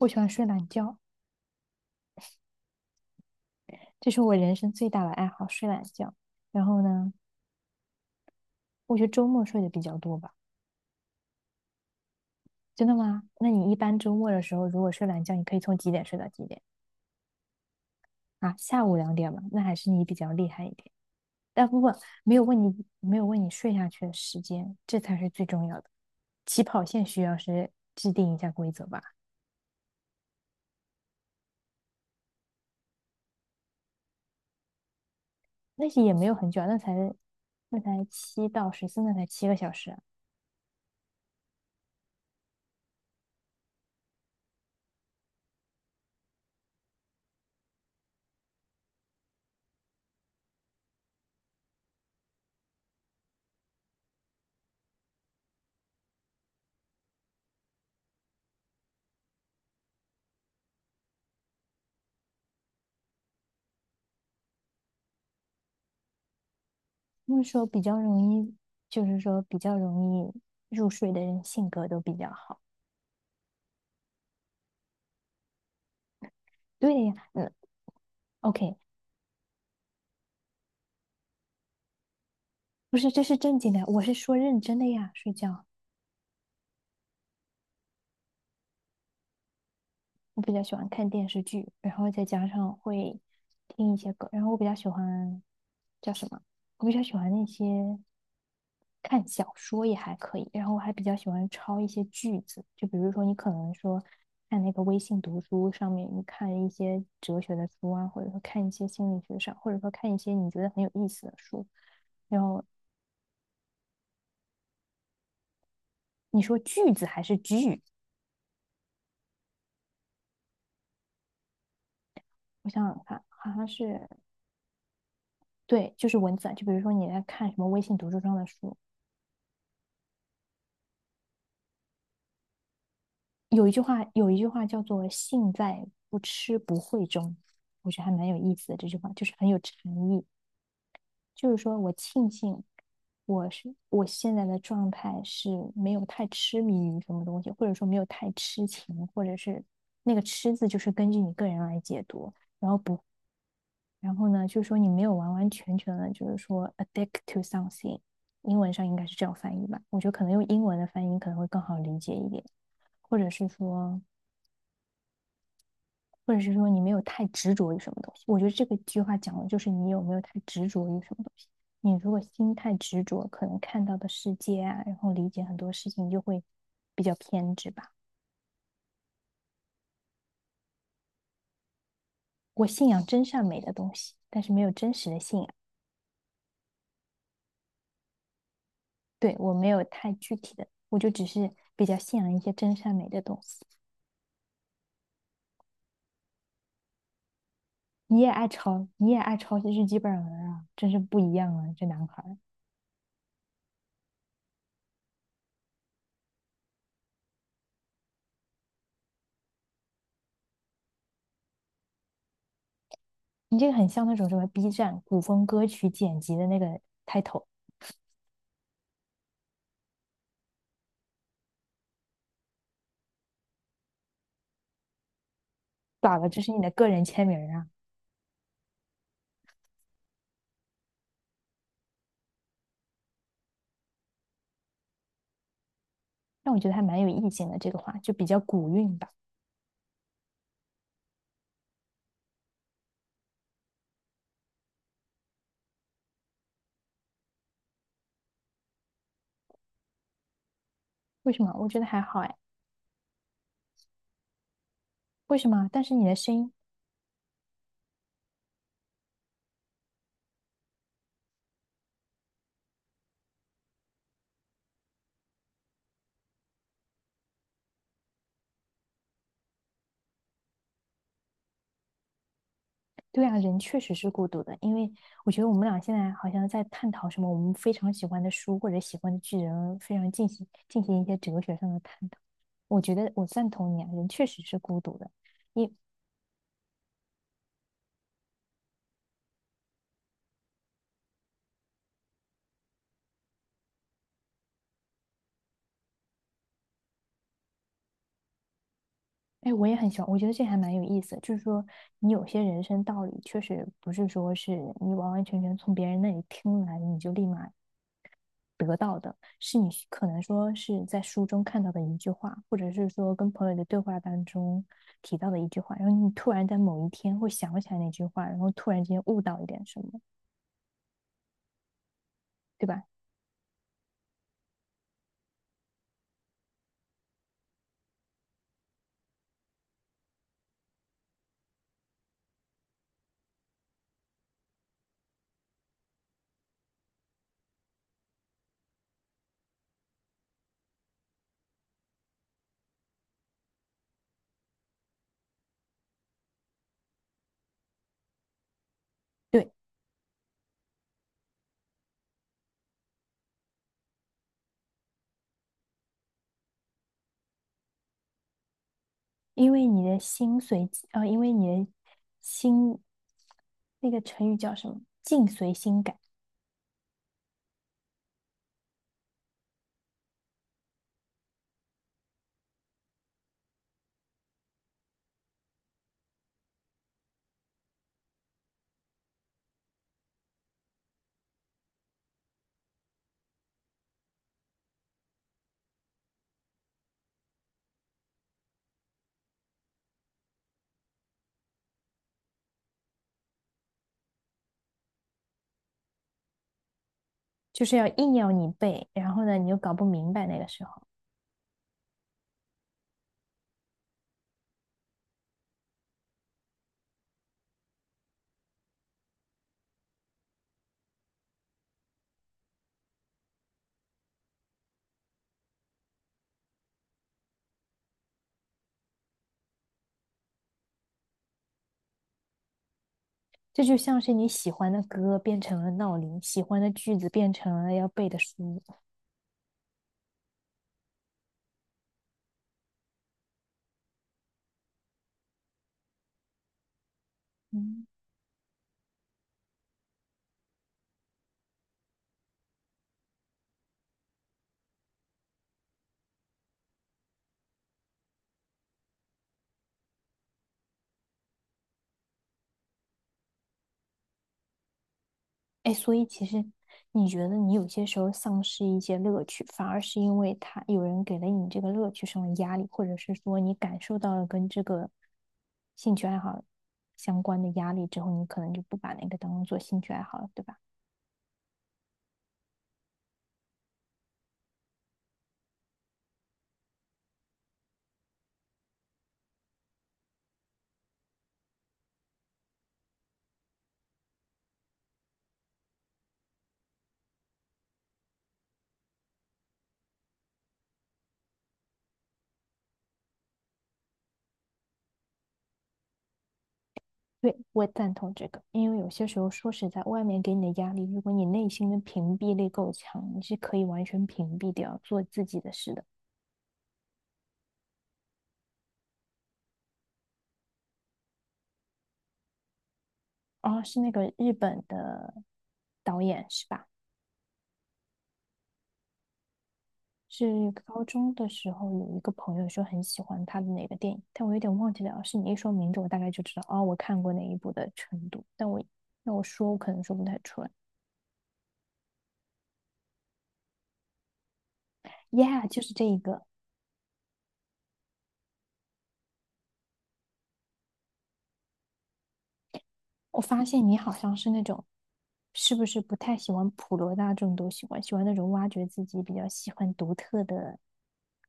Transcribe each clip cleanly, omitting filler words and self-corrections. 我喜欢睡懒觉，这是我人生最大的爱好，睡懒觉。然后呢，我觉得周末睡的比较多吧。真的吗？那你一般周末的时候，如果睡懒觉，你可以从几点睡到几点？啊？下午两点吧，那还是你比较厉害一点。但不过没有问你，没有问你睡下去的时间，这才是最重要的。起跑线需要是制定一下规则吧。那些也没有很久啊，那才7到14，那才7个小时啊。不是说比较容易，就是说比较容易入睡的人性格都比较好。对呀，嗯，OK，不是，这是正经的，我是说认真的呀，睡觉。我比较喜欢看电视剧，然后再加上会听一些歌，然后我比较喜欢叫什么？我比较喜欢那些看小说也还可以，然后我还比较喜欢抄一些句子，就比如说你可能说看那个微信读书上面，你看一些哲学的书啊，或者说看一些心理学上，或者说看一些你觉得很有意思的书，然后你说句子还是句？我想想看，好像是对，就是文字啊，就比如说你在看什么微信读书上的书，有一句话叫做“性在不吃不会中”，我觉得还蛮有意思的。这句话就是很有禅意，就是说我庆幸我现在的状态是没有太痴迷于什么东西，或者说没有太痴情，或者是那个“痴”字就是根据你个人来解读，然后不，然后呢，就是说你没有完完全全的，就是说 addict to something，英文上应该是这样翻译吧？我觉得可能用英文的翻译可能会更好理解一点，或者是说。或者是说你没有太执着于什么东西。我觉得这个句话讲的就是你有没有太执着于什么东西。你如果心太执着，可能看到的世界啊，然后理解很多事情就会比较偏执吧。我信仰真善美的东西，但是没有真实的信仰。对，我没有太具体的，我就只是比较信仰一些真善美的东西。你也爱抄，你也爱抄些日记本儿啊，真是不一样啊，这男孩你这个很像那种什么 B 站古风歌曲剪辑的那个 title。咋了这是你的个人签名啊。但我觉得还蛮有意境的，这个话就比较古韵吧。为什么？我觉得还好哎。为什么？但是你的声音，对啊，人确实是孤独的，因为我觉得我们俩现在好像在探讨什么我们非常喜欢的书或者喜欢的剧，人非常进行一些哲学上的探讨。我觉得我赞同你啊，人确实是孤独的。你，哎，我也很喜欢，我觉得这还蛮有意思。就是说，你有些人生道理确实不是说是你完完全全从别人那里听来，你就立马得到的，是你可能说是在书中看到的一句话，或者是说跟朋友的对话当中提到的一句话，然后你突然在某一天会想起来那句话，然后突然间悟到一点什么，对吧？对，因为你的心随，啊，因为你的心，那个成语叫什么？境随心改，就是要硬要你背，然后呢，你又搞不明白那个时候。这就像是你喜欢的歌变成了闹铃，喜欢的句子变成了要背的书。嗯，哎，所以其实你觉得你有些时候丧失一些乐趣，反而是因为他有人给了你这个乐趣上的压力，或者是说你感受到了跟这个兴趣爱好相关的压力之后，你可能就不把那个当做兴趣爱好了，对吧？对，我赞同这个，因为有些时候说实在，外面给你的压力，如果你内心的屏蔽力够强，你是可以完全屏蔽掉做自己的事的。哦，是那个日本的导演是吧？是高中的时候有一个朋友说很喜欢他的哪个电影，但我有点忘记了。是你一说名字，我大概就知道哦，我看过哪一部的程度。但我那我说，我可能说不太出来。Yeah，就是这一个。我发现你好像是那种，是不是不太喜欢普罗大众都喜欢，喜欢那种挖掘自己比较喜欢独特的，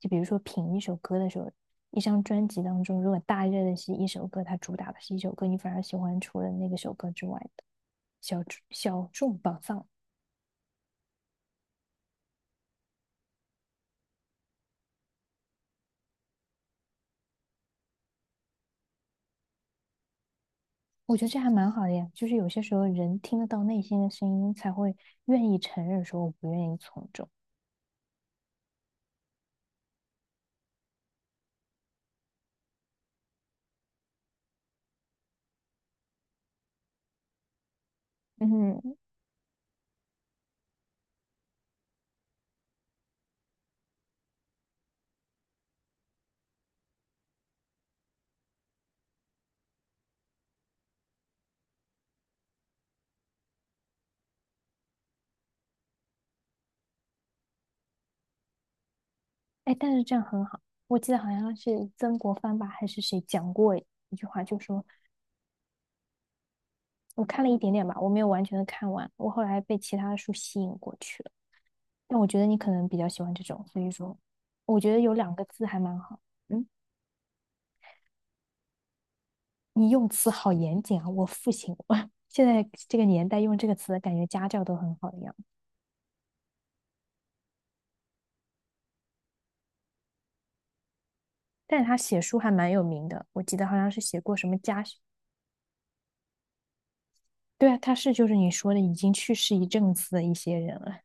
就比如说品一首歌的时候，一张专辑当中，如果大热的是一首歌，它主打的是一首歌，你反而喜欢除了那个首歌之外的小众宝藏。我觉得这还蛮好的呀，就是有些时候人听得到内心的声音，才会愿意承认说我不愿意从众。嗯，哎，但是这样很好。我记得好像是曾国藩吧，还是谁讲过一句话，就说我看了一点点吧，我没有完全的看完，我后来被其他的书吸引过去了。但我觉得你可能比较喜欢这种，所以说，我觉得有两个字还蛮好。嗯，你用词好严谨啊，我父亲，我现在这个年代用这个词，感觉家教都很好一样。但是他写书还蛮有名的，我记得好像是写过什么家，对啊，他是就是你说的已经去世一阵子的一些人了。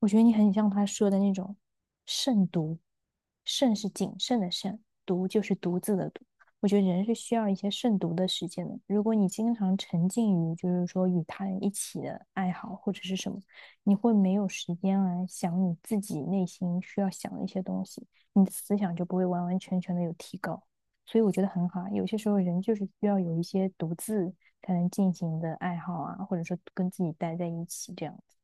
我觉得你很像他说的那种慎独，慎是谨慎的慎，独就是独自的独。我觉得人是需要一些慎独的时间的。如果你经常沉浸于就是说与他人一起的爱好或者是什么，你会没有时间来想你自己内心需要想的一些东西，你的思想就不会完完全全的有提高。所以我觉得很好啊，有些时候人就是需要有一些独自才能进行的爱好啊，或者说跟自己待在一起这样子。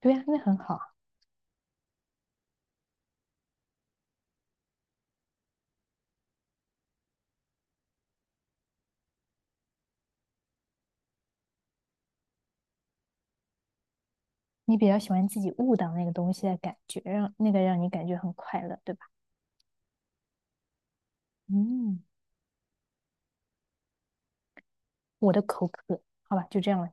对呀，那很好。你比较喜欢自己悟到那个东西的感觉，让那个让你感觉很快乐，对吧？嗯，我的口渴，好吧，就这样了。